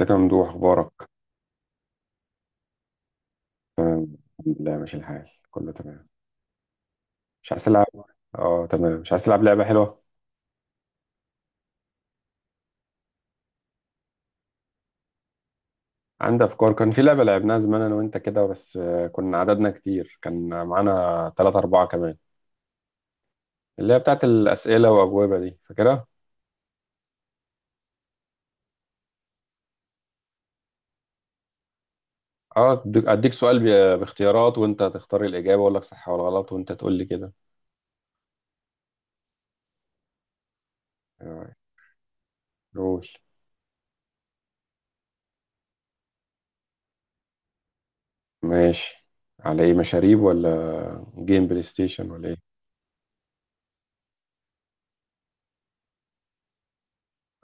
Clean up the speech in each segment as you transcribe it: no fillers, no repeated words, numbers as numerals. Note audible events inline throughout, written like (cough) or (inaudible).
ازيك يا ممدوح اخبارك؟ تمام الحمد لله ماشي الحال كله تمام. مش عايز تلعب؟ اه تمام، مش عايز تلعب لعبه حلوه. عندي افكار، كان في لعبه لعبناها زمان انا وانت كده، بس كنا عددنا كتير، كان معانا ثلاثة أربعة كمان. اللي هي بتاعت الاسئله واجوبه دي، فاكرها؟ اه، اديك سؤال باختيارات وانت تختار الاجابه، واقول لك صح ولا غلط وانت تقول لي كده. آه، قول. ماشي، على ايه؟ مشاريب ولا جيم بلاي ستيشن ولا ايه؟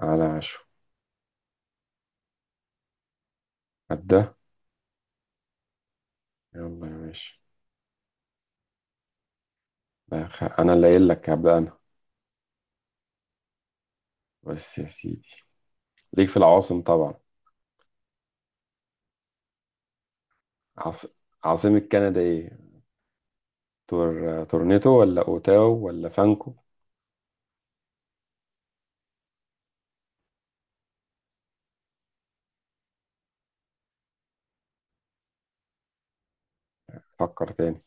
على عشو؟ قد ده. يلا يا باشا. انا اللي قايل لك، هبدأ انا. بس يا سيدي، ليك في العواصم طبعا. عاص... عاصمة كندا ايه؟ تورنيتو ولا اوتاو ولا فانكو؟ فكر تاني.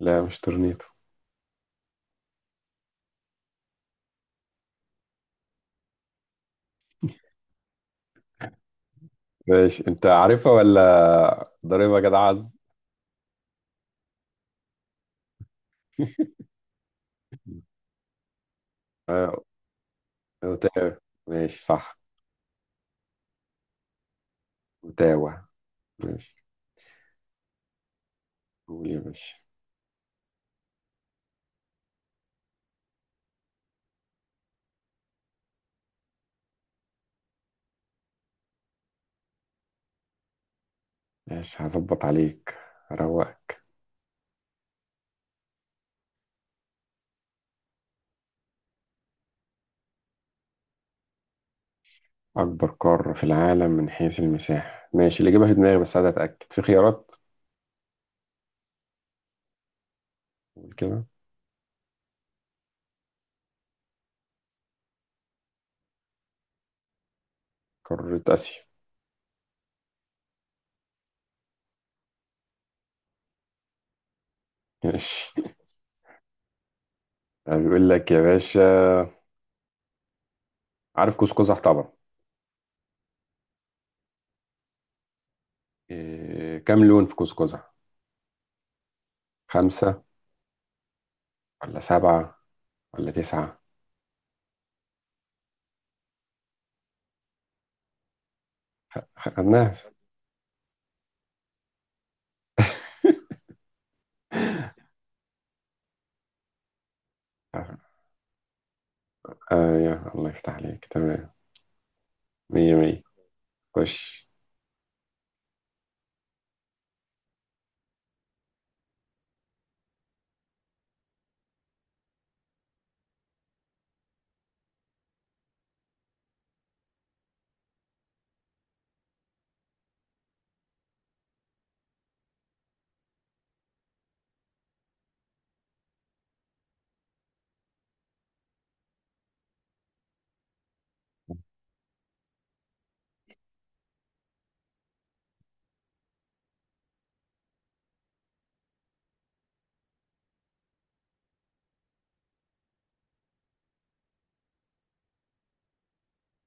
لا مش تورنيتو. ماشي، انت عارفها ولا ضريبة يا جدع عز؟ (laughs) آه، اوتاو. ماشي صح. اوتاوا. ماشي، قول يا باشا. ماشي هظبط عليك، هروقك. اكبر قارة في العالم من حيث المساحة؟ ماشي، اللي جابها في دماغي، بس عايز اتاكد، في خيارات؟ قول كده. قارة اسيا. ماشي. بيقول لك يا باشا، عارف كوز قزح طبعا؟ إيه كام لون في كوز قزح؟ خمسة ولا سبعة ولا تسعة؟ خدناها (laughs) آه يا الله يفتح عليك، تمام، مية مية. خش.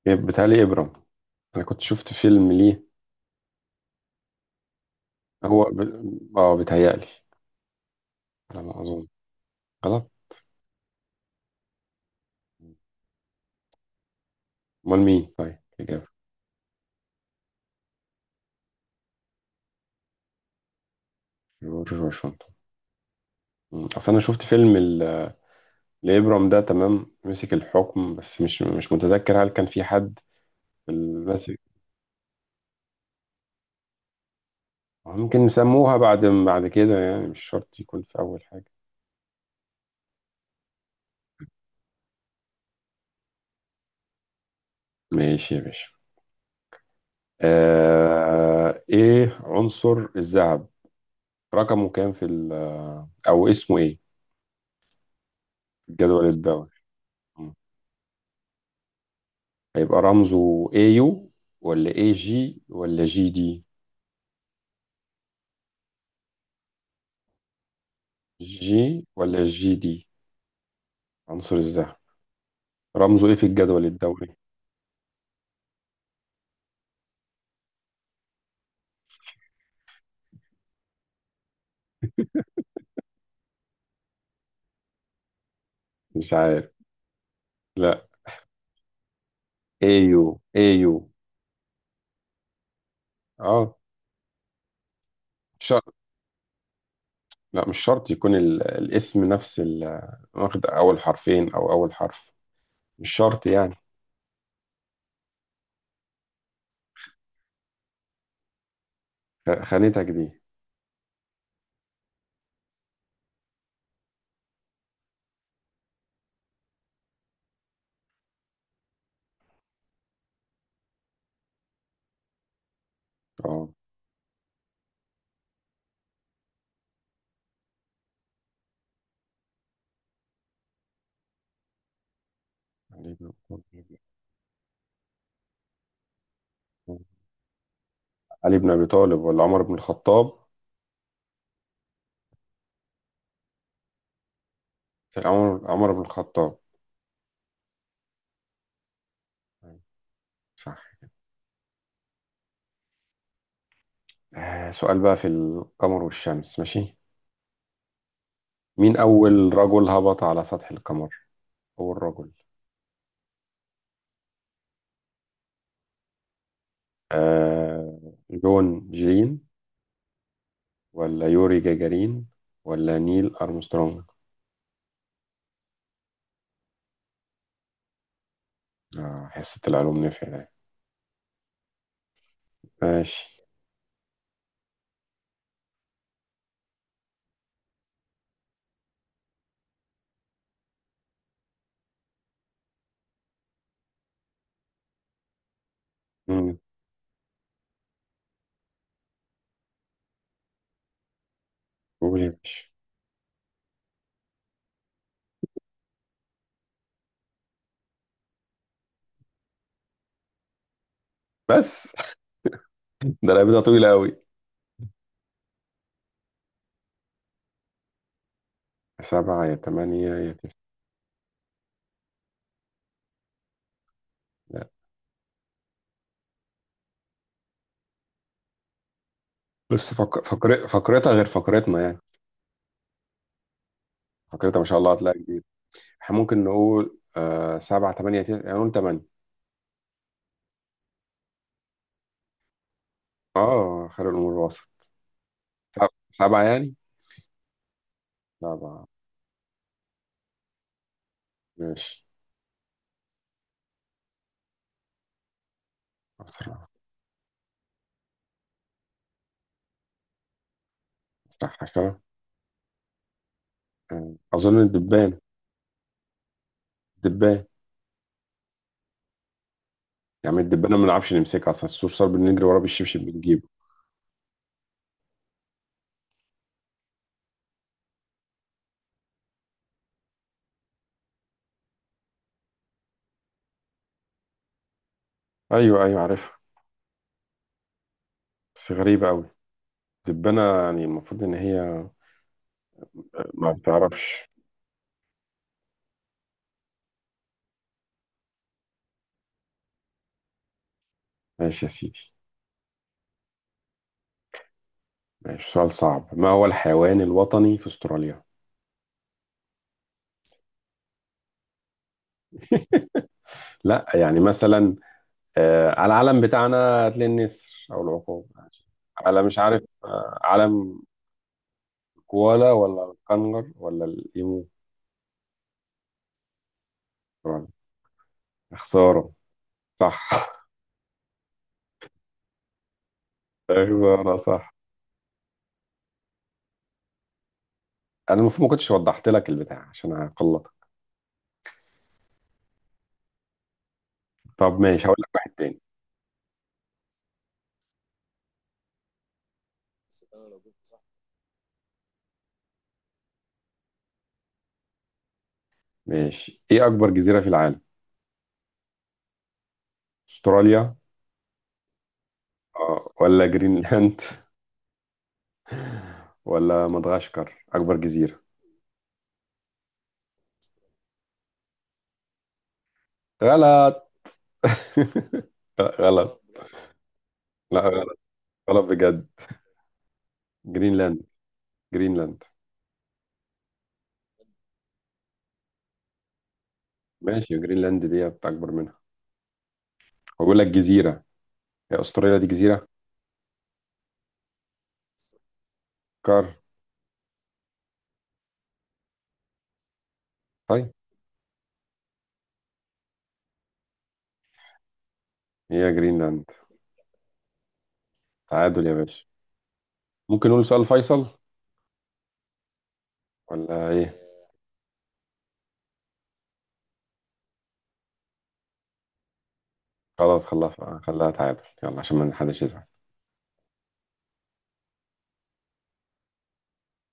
إيه، بيتهيألي إبرام. أنا كنت شفت فيلم ليه. هو ب... آه بيتهيألي على ما أظن. غلط؟ أمال مين طيب الإجابة؟ جورج واشنطن. مم. أصل أنا شفت فيلم لإبرام ده، تمام مسك الحكم، بس مش متذكر هل كان في حد. ممكن نسموها بعد، بعد كده يعني، مش شرط يكون في أول حاجة. ماشي يا باشا. آه، إيه عنصر الذهب؟ رقمه كام في أو اسمه إيه في الجدول الدوري؟ مم. هيبقى رمزه AU ولا AG ولا جي دي؟ جي ولا جي دي؟ عنصر الذهب رمزه إيه في الجدول الدوري؟ مش عارف؟ لا، AU. AU. اه. لا مش شرط يكون الاسم نفس واخد أول حرفين أو أول حرف، مش شرط يعني. خانتك دي. اه. علي بن أبي طالب. علي بن أبي طالب ولا عمر بن الخطاب؟ عمر بن الخطاب. صح. آه سؤال بقى في القمر والشمس، ماشي؟ مين أول رجل هبط على سطح القمر؟ أول رجل. آه، جون جلين ولا يوري جاجارين ولا نيل أرمسترونج؟ آه، حصة العلوم نفع ده. ماشي. قول يا باشا. بس (laughs) ده لعبتها طويلة أوي. سبعة يا تمانية يا تسعة. لا. بس فقرتها غير فقرتنا يعني. فقرتها ما شاء الله هتلاقي كبير. احنا ممكن نقول آه سبعة تمانية تسعة، يعني نقول تمانية. اه، خير الأمور وسط. سبعة يعني. سبعة. ماشي. أسرع، أسرع حاجة؟ أظن الدبان. الدبان يعني، الدبانة ما بنعرفش نمسكها أصلا، السور صار بنجري وراه بالشبشب بنجيبه. أيوه أيوه عارفها، بس غريبة أوي. الدبانة يعني المفروض إن هي ما بتعرفش. ماشي يا سيدي. ماشي، سؤال صعب، ما هو الحيوان الوطني في استراليا؟ (laughs) لا، يعني مثلا على العلم بتاعنا هتلاقي النسر او العقاب. على، مش عارف، آه، علم. كوالا ولا الكنغر ولا الايمو؟ استراليا. خسارة، صح. (laughs) خسارة، صح. انا المفروض ما كنتش وضحت لك البتاع، عشان هقلطك. طب ماشي، هقول لك واحد تاني. ماشي، ايه اكبر جزيرة في العالم؟ استراليا؟ آه، ولا جرينلاند ولا مدغشقر؟ اكبر جزيرة. غلط. (laughs) لا غلط. لا غلط، غلط بجد. جرينلاند. جرينلاند. ماشي، جرينلاند دي اكبر منها. بقول لك جزيرة، هي استراليا دي جزيرة؟ كار. طيب. هي جرينلاند. تعادل يا باشا. ممكن نقول سؤال فيصل ولا ايه؟ خلاص خلاها خلاها تعادل، يلا عشان ما حدش يزعل.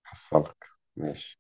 حصلك. ماشي.